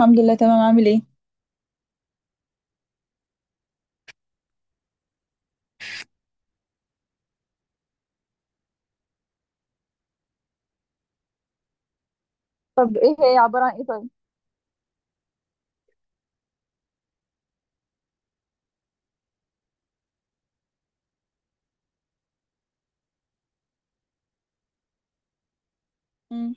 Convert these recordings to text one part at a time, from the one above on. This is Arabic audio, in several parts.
الحمد لله، تمام. عامل ايه؟ طب ايه هي؟ عبارة عن ايه؟ طيب. مم.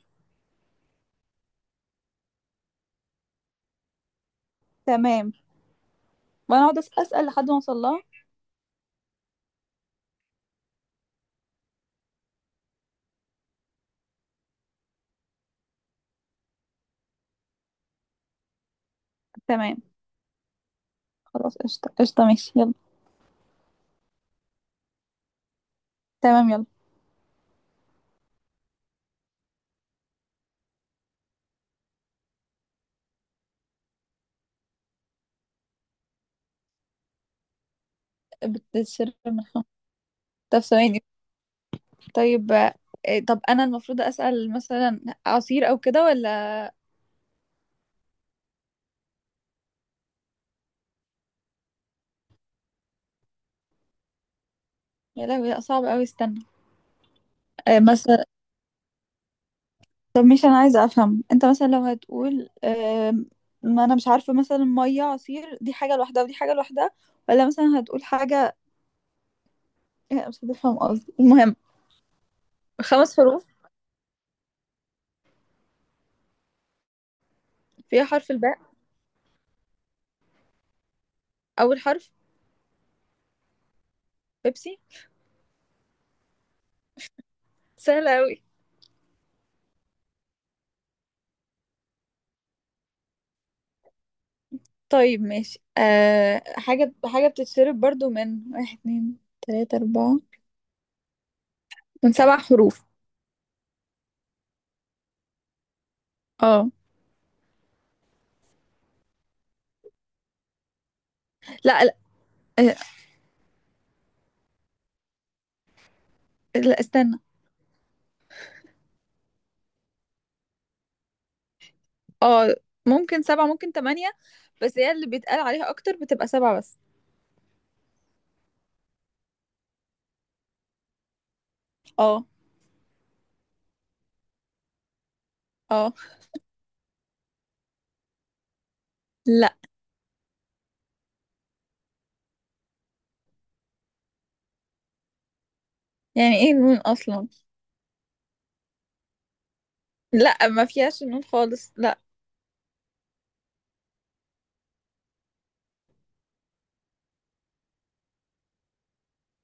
تمام. وانا اقعد اسال لحد ما اوصل لها. تمام. خلاص، قشطه قشطه، ماشي يلا. تمام، يلا. بتتشرب من خمس. طب ثواني. طيب، طب انا المفروض اسال مثلا عصير او كده ولا؟ يا لهوي، لا، صعب قوي، استنى. مثلا، طب مش انا عايزه افهم؟ انت مثلا لو هتقول ما انا مش عارفه، مثلا ميه، عصير، دي حاجه لوحدها ودي حاجه لوحدها، ولا مثلا هتقول حاجه؟ مش هتفهم قصدي، المهم. خمس حروف. فيها حرف الباء. أول حرف. بيبسي. سهلة أوي. طيب ماشي، حاجة حاجة بتتشرب برضو، من واحد اتنين تلاتة أربعة. من سبع حروف. اه. لا لا، آه، لا استنى. اه. ممكن سبعة، ممكن تمانية. بس هي اللي بيتقال عليها أكتر بتبقى سبعة بس. اه. اه. لا. يعني ايه النون أصلا؟ لا، ما فيهاش النون خالص، لا.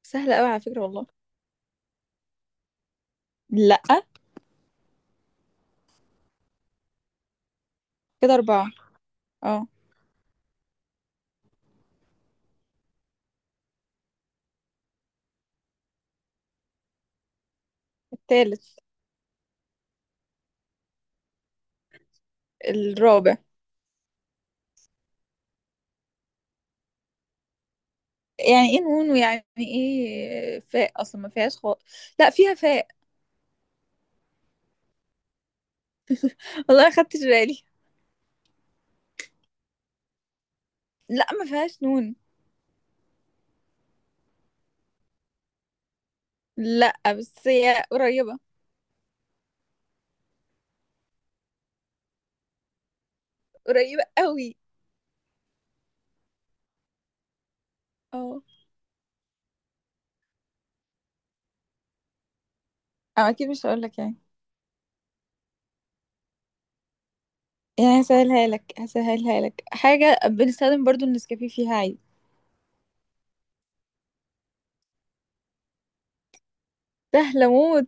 سهلة أوي على فكرة والله. لا. كده أربعة. اه. التالت. الرابع. يعني ايه نون؟ ويعني ايه فاء؟ اصلا ما فيهاش خالص. لا، فيها فاء. والله ما خدتش بالي. لا، ما فيهاش نون. لا، بس هي قريبة. قريبة قوي. اه. أو اكيد مش هقول لك يعني. يعني هسهلها لك حاجة بنستخدم برضو النسكافيه فيها عادي. سهلة موت.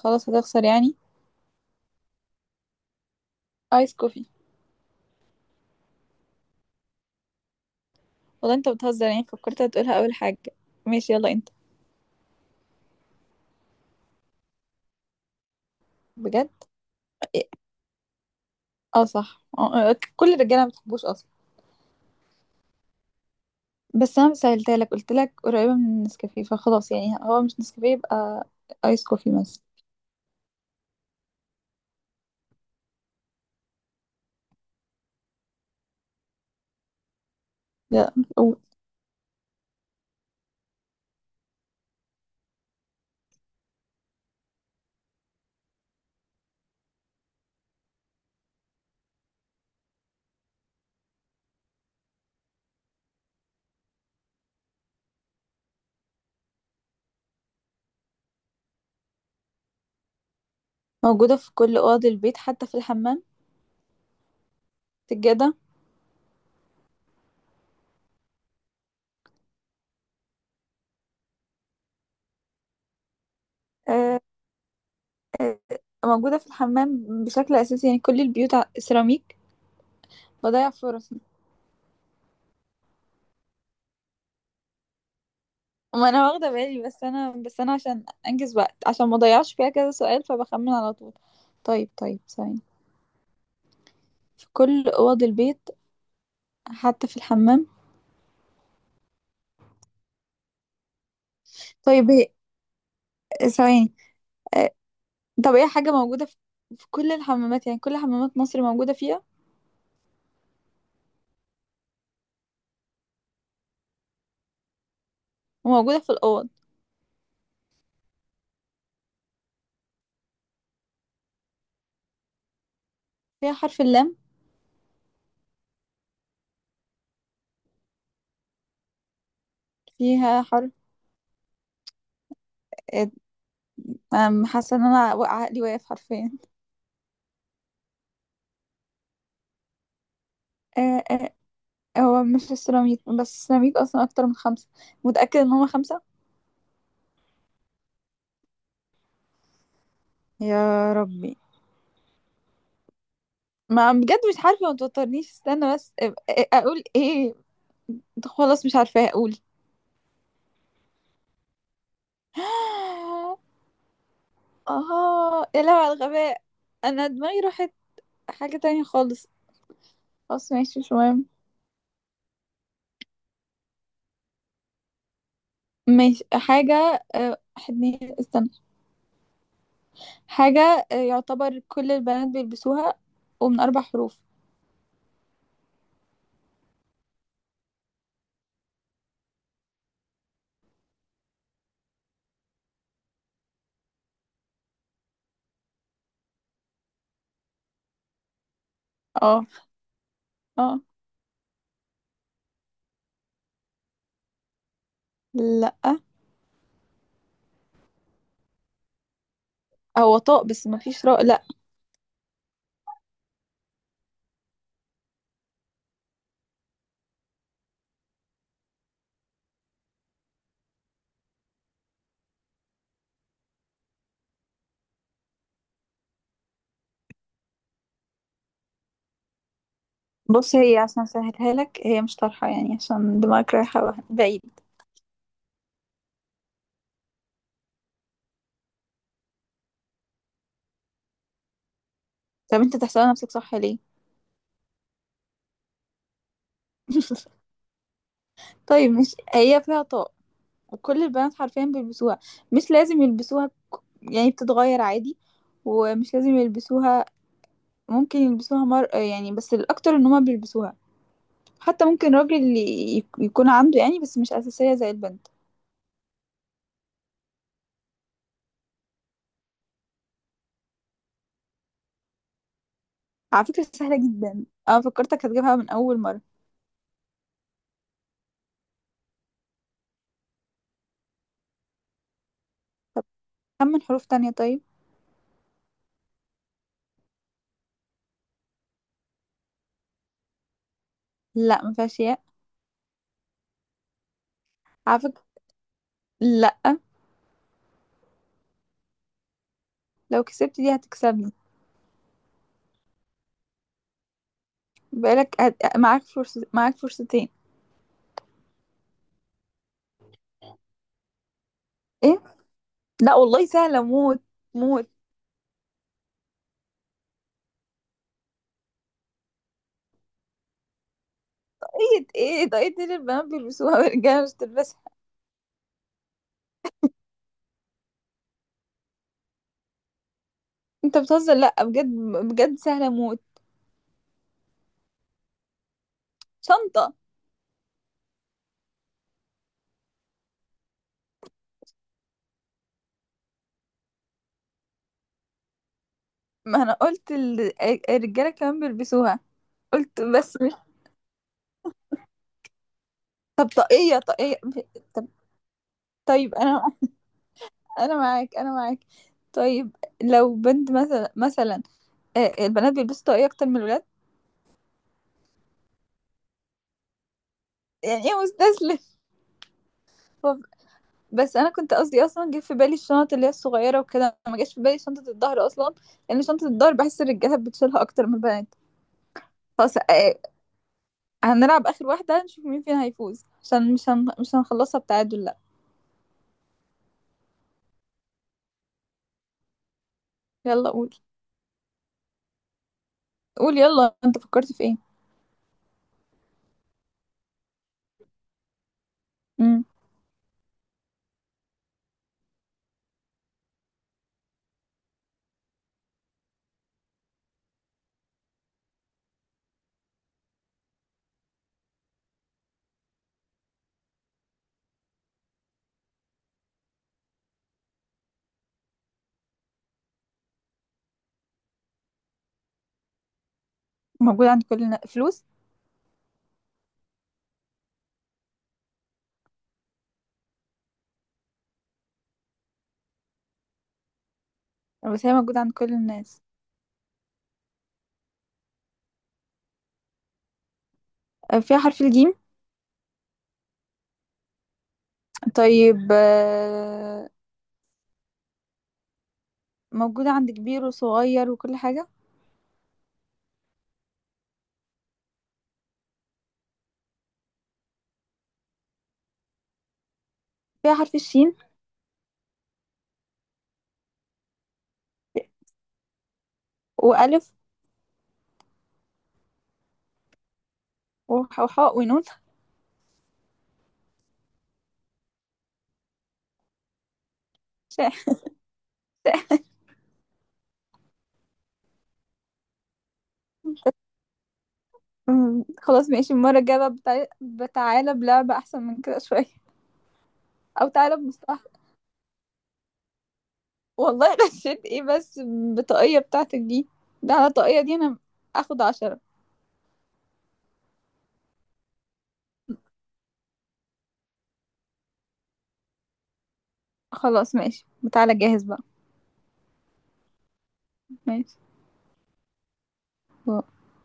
خلاص هتخسر يعني. ايس كوفي. والله انت بتهزر، يعني فكرت هتقولها اول حاجة. ماشي، يلا انت. بجد. إيه؟ اه صح، كل الرجالة ما بتحبوش اصلا. بس انا سألتها لك، قلت لك قريبة من النسكافيه فخلاص، يعني هو مش نسكافيه، يبقى ايس كوفي مثلا. لا. أو- موجودة في كل اوض البيت حتى في الحمام. سجادة. آه، آه، موجودة في الحمام بشكل اساسي، يعني كل البيوت سيراميك. بضيع فرص. ما انا واخدة بالي، بس انا عشان انجز وقت، عشان ما اضيعش فيها كذا سؤال فبخمن على طول. طيب طيب ثواني. في كل اوض البيت حتى في الحمام. طيب هي، ثواني، آه، طب هي حاجة موجودة في كل الحمامات، يعني كل حمامات مصر موجودة فيها، وموجودة في الأوض. فيها حرف اللام. فيها حرف، آه، أم، حاسة ان انا عقلي واقف حرفيا. آه، آه، هو مش السيراميك، بس السيراميك اصلا اكتر من خمسة. متأكد ان هما خمسة؟ يا ربي. ما بجد مش عارفة، ما توترنيش، استنى بس، اقول ايه. خلاص مش عارفة اقول. اه يا لهوي على الغباء. انا دماغي راحت. حاجة تانية خالص. خلاص ماشي، شوية. ماشي. حاجة، حدني استنى. حاجة، يعتبر كل البنات بيلبسوها، ومن أربع حروف. اه. اه. لا. هو طاق بس مفيش راء، لا. بص، هي عشان اسهلها لك هي مش طرحة، يعني عشان دماغك رايحة بعيد. طب انت تحسبها نفسك صح ليه؟ طيب مش هي فيها طاق؟ وكل البنات حرفيا بيلبسوها. مش لازم يلبسوها، يعني بتتغير عادي، ومش لازم يلبسوها، ممكن يلبسوها يعني، بس الأكتر ان هما بيلبسوها. حتى ممكن راجل يكون عنده، يعني بس مش أساسية زي البنت. على فكرة سهلة جدا، أنا فكرتك هتجيبها من أول مرة. كم من حروف تانية طيب. لا، مفيهاش ياء. على فكرة، لا، لو كسبت دي هتكسبني. معاك فرصة، معاك فرصتين. ايه. لا والله سهلة موت، موت. ايه؟ ايه ده؟ ايه دي اللي البنات بيلبسوها والرجالة مش تلبسها؟ انت بتهزر، لا بجد. بجد سهلة موت. شنطة. ما انا قلت الرجالة كمان بيلبسوها، قلت بس مش. طب، طاقية طاقية. طيب انا انا معاك انا معاك. طيب، لو بنت مثلا البنات بيلبسوا طاقية اكتر من الولاد. يعني ايه مستسلم؟ طب- بس انا كنت قصدي اصلا جه في بالي الشنط اللي هي الصغيره وكده، ما جاش في بالي شنطه الظهر اصلا، لان شنطه الظهر بحس الرجاله بتشيلها اكتر من البنات. خلاص، هنلعب اخر واحده نشوف مين فينا هيفوز، عشان مش هنخلصها بتعادل، لا. يلا قول. قول يلا، انت فكرت في ايه؟ امم. موجود عند كل الناس؟ فلوس. بس هي موجوده عند كل الناس. فيها حرف الجيم؟ طيب، موجودة عند كبير وصغير وكل حاجة. فيها حرف الشين، وألف، وحاء ونون. ش- خلاص ماشي، المرة الجاية بقى بتعالى بلعبة أحسن من كده شوية. أو تعالى بمصطلح. والله غشيت إيه بس؟ بالطاقية بتاعتك دي، ده على الطاقية دي أنا أخد 10. خلاص ماشي. تعالى جاهز بقى. ماشي.